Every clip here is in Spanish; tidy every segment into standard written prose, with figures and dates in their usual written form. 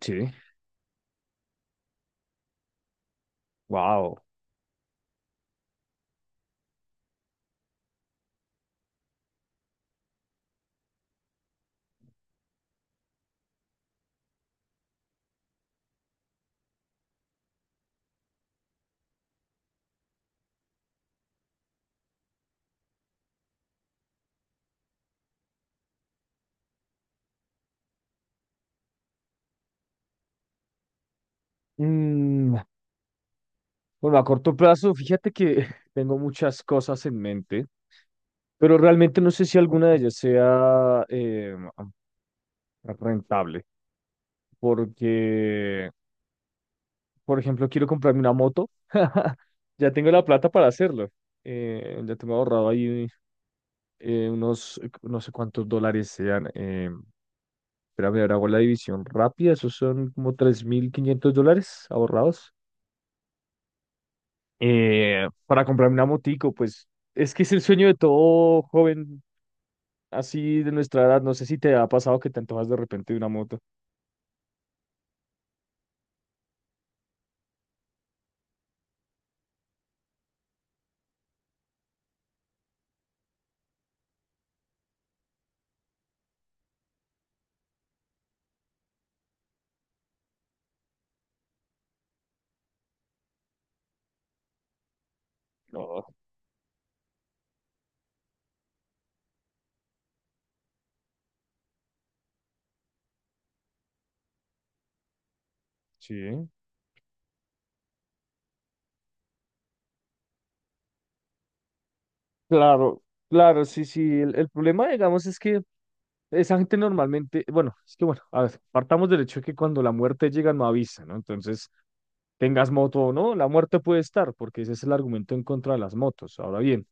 Sí, wow. Mm, bueno, a corto plazo, fíjate que tengo muchas cosas en mente, pero realmente no sé si alguna de ellas sea rentable, porque, por ejemplo, quiero comprarme una moto. Ya tengo la plata para hacerlo. Ya tengo ahorrado ahí unos, no sé cuántos dólares sean. Espera, a ver, hago la división rápida. Esos son como 3.500 dólares ahorrados. Para comprarme una motico, pues es que es el sueño de todo joven así de nuestra edad. No sé si te ha pasado que te antojas de repente de una moto. No, sí. Claro, claro, sí, sí. El problema, digamos, es que esa gente normalmente, bueno, es que bueno, a ver, partamos del hecho de que cuando la muerte llega no avisa, ¿no? Entonces, tengas moto o no, la muerte puede estar, porque ese es el argumento en contra de las motos. Ahora bien.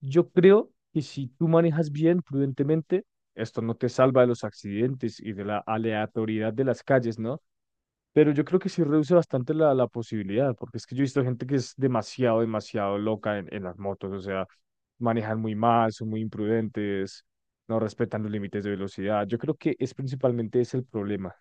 Yo creo que si tú manejas bien, prudentemente, esto no te salva de los accidentes y de la aleatoriedad de las calles, ¿no? Pero yo creo que sí reduce bastante la posibilidad, porque es que yo he visto gente que es demasiado, demasiado loca en las motos, o sea, manejan muy mal, son muy imprudentes, no respetan los límites de velocidad. Yo creo que es principalmente ese el problema.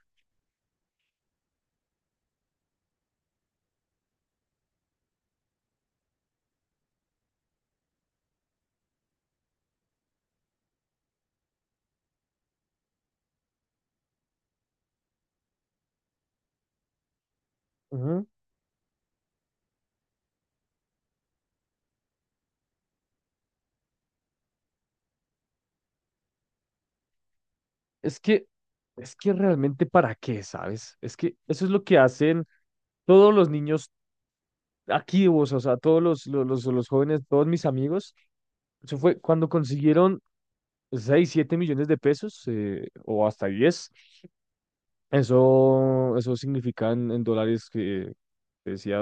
Ujú. Es que, es que realmente para qué, ¿sabes? Es que eso es lo que hacen todos los niños aquí, vos, o sea, todos los jóvenes, todos mis amigos, eso fue cuando consiguieron 6 7 millones de pesos o hasta 10. Eso significa en dólares que decía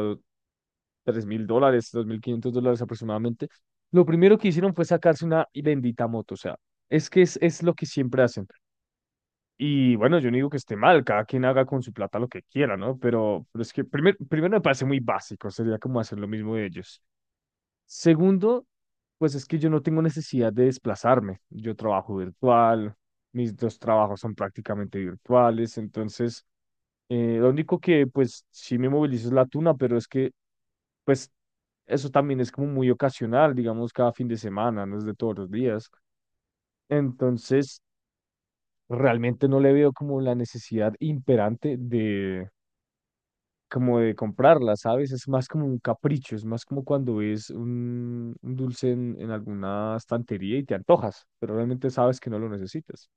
3.000 dólares, 2.500 dólares aproximadamente. Lo primero que hicieron fue sacarse una bendita moto, o sea, es que es lo que siempre hacen. Y bueno, yo no digo que esté mal, cada quien haga con su plata lo que quiera, ¿no? Pero es que primero me parece muy básico, sería como hacer lo mismo de ellos. Segundo, pues es que yo no tengo necesidad de desplazarme. Yo trabajo virtual, mis dos trabajos son prácticamente virtuales, entonces lo único que pues sí me movilizo es la tuna, pero es que pues eso también es como muy ocasional, digamos cada fin de semana, no es de todos los días. Entonces, realmente no le veo como la necesidad imperante de como de comprarla, ¿sabes? Es más como un capricho, es más como cuando ves un dulce en alguna estantería y te antojas, pero realmente sabes que no lo necesitas.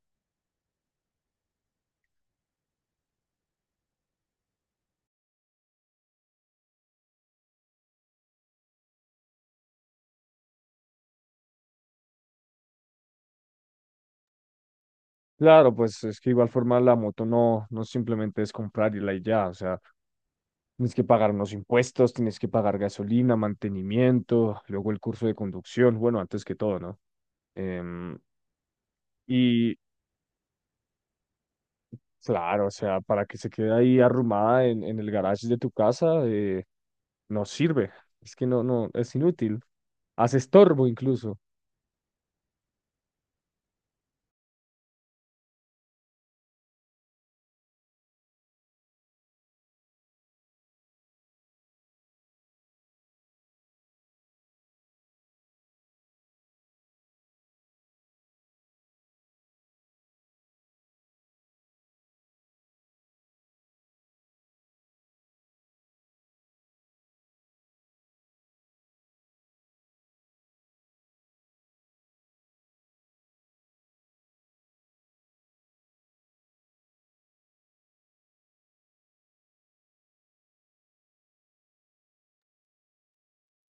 Claro, pues es que igual forma la moto no, no simplemente es comprarla y ya, o sea, tienes que pagar unos impuestos, tienes que pagar gasolina, mantenimiento, luego el curso de conducción, bueno, antes que todo, ¿no? Em, y, claro, o sea, para que se quede ahí arrumada en el garage de tu casa, no sirve. Es que no, no, es inútil. Hace estorbo incluso.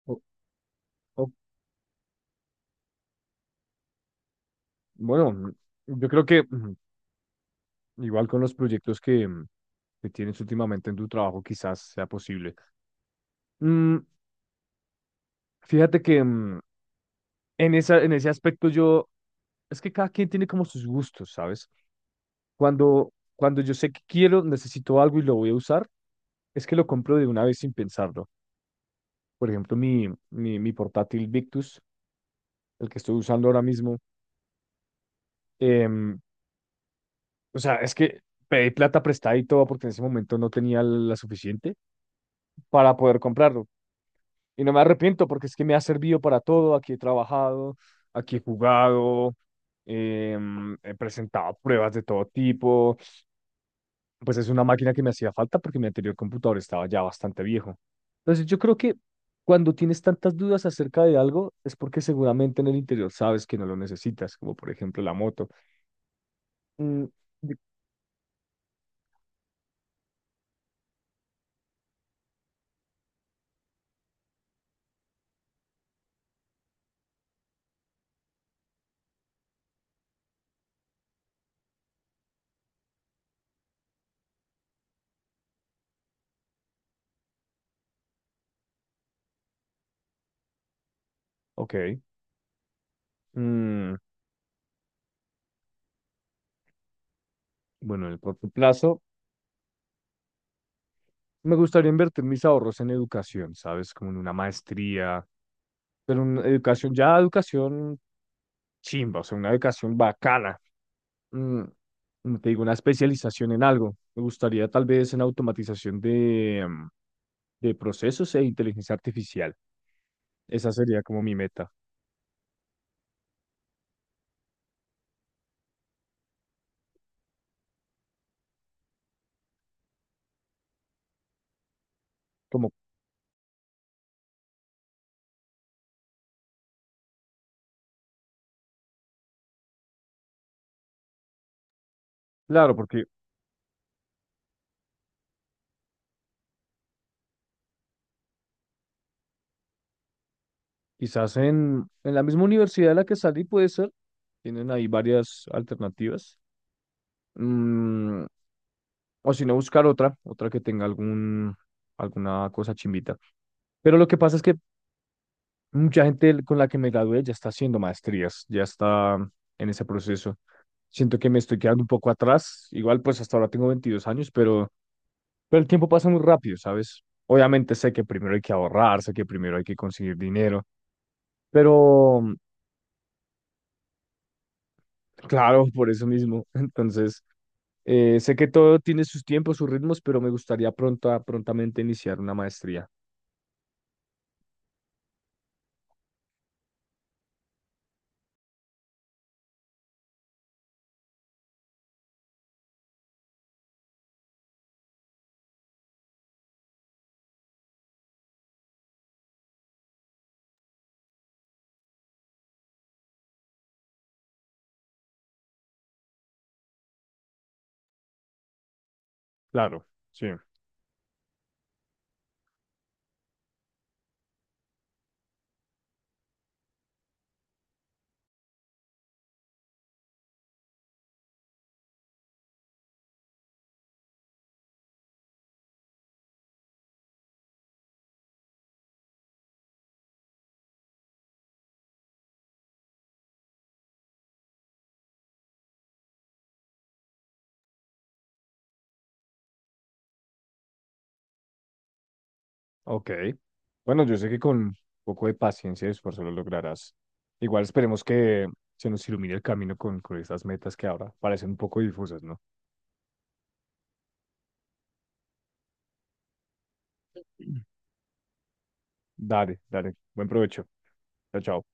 O- o, bueno, yo creo que igual con los proyectos que que tienes últimamente en tu trabajo, quizás sea posible. Mm, Fíjate que en esa, en ese aspecto yo, es que cada quien tiene como sus gustos, ¿sabes? Cuando yo sé que quiero, necesito algo y lo voy a usar, es que lo compro de una vez sin pensarlo. Por ejemplo, mi portátil Victus, el que estoy usando ahora mismo, em, o sea, es que pedí plata prestada y todo porque en ese momento no tenía la suficiente para poder comprarlo. Y no me arrepiento porque es que me ha servido para todo. Aquí he trabajado, aquí he jugado, he presentado pruebas de todo tipo. Pues es una máquina que me hacía falta porque mi anterior computador estaba ya bastante viejo. Entonces yo creo que cuando tienes tantas dudas acerca de algo es porque seguramente en el interior sabes que no lo necesitas, como por ejemplo la moto. Mm, di- ok. Mm, bueno, en el corto plazo me gustaría invertir mis ahorros en educación, ¿sabes? Como en una maestría, pero una educación, ya educación chimba, o sea, una educación bacana, mm, como te digo, una especialización en algo. Me gustaría tal vez en automatización de de procesos e inteligencia artificial. Esa sería como mi meta. Como, claro, porque quizás en la misma universidad de la que salí puede ser, tienen ahí varias alternativas. Mm, o si no, buscar otra, otra que tenga algún, alguna cosa chimbita. Pero lo que pasa es que mucha gente con la que me gradué ya está haciendo maestrías, ya está en ese proceso. Siento que me estoy quedando un poco atrás. Igual, pues hasta ahora tengo 22 años, pero el tiempo pasa muy rápido, ¿sabes? Obviamente sé que primero hay que ahorrar, sé que primero hay que conseguir dinero, pero claro, por eso mismo. Entonces, sé que todo tiene sus tiempos, sus ritmos, pero me gustaría pronto, prontamente iniciar una maestría. Claro, sí. Ok. Bueno, yo sé que con un poco de paciencia y esfuerzo lo lograrás. Igual esperemos que se nos ilumine el camino con esas metas que ahora parecen un poco difusas, ¿no? Dale, dale. Buen provecho. Chao, chao.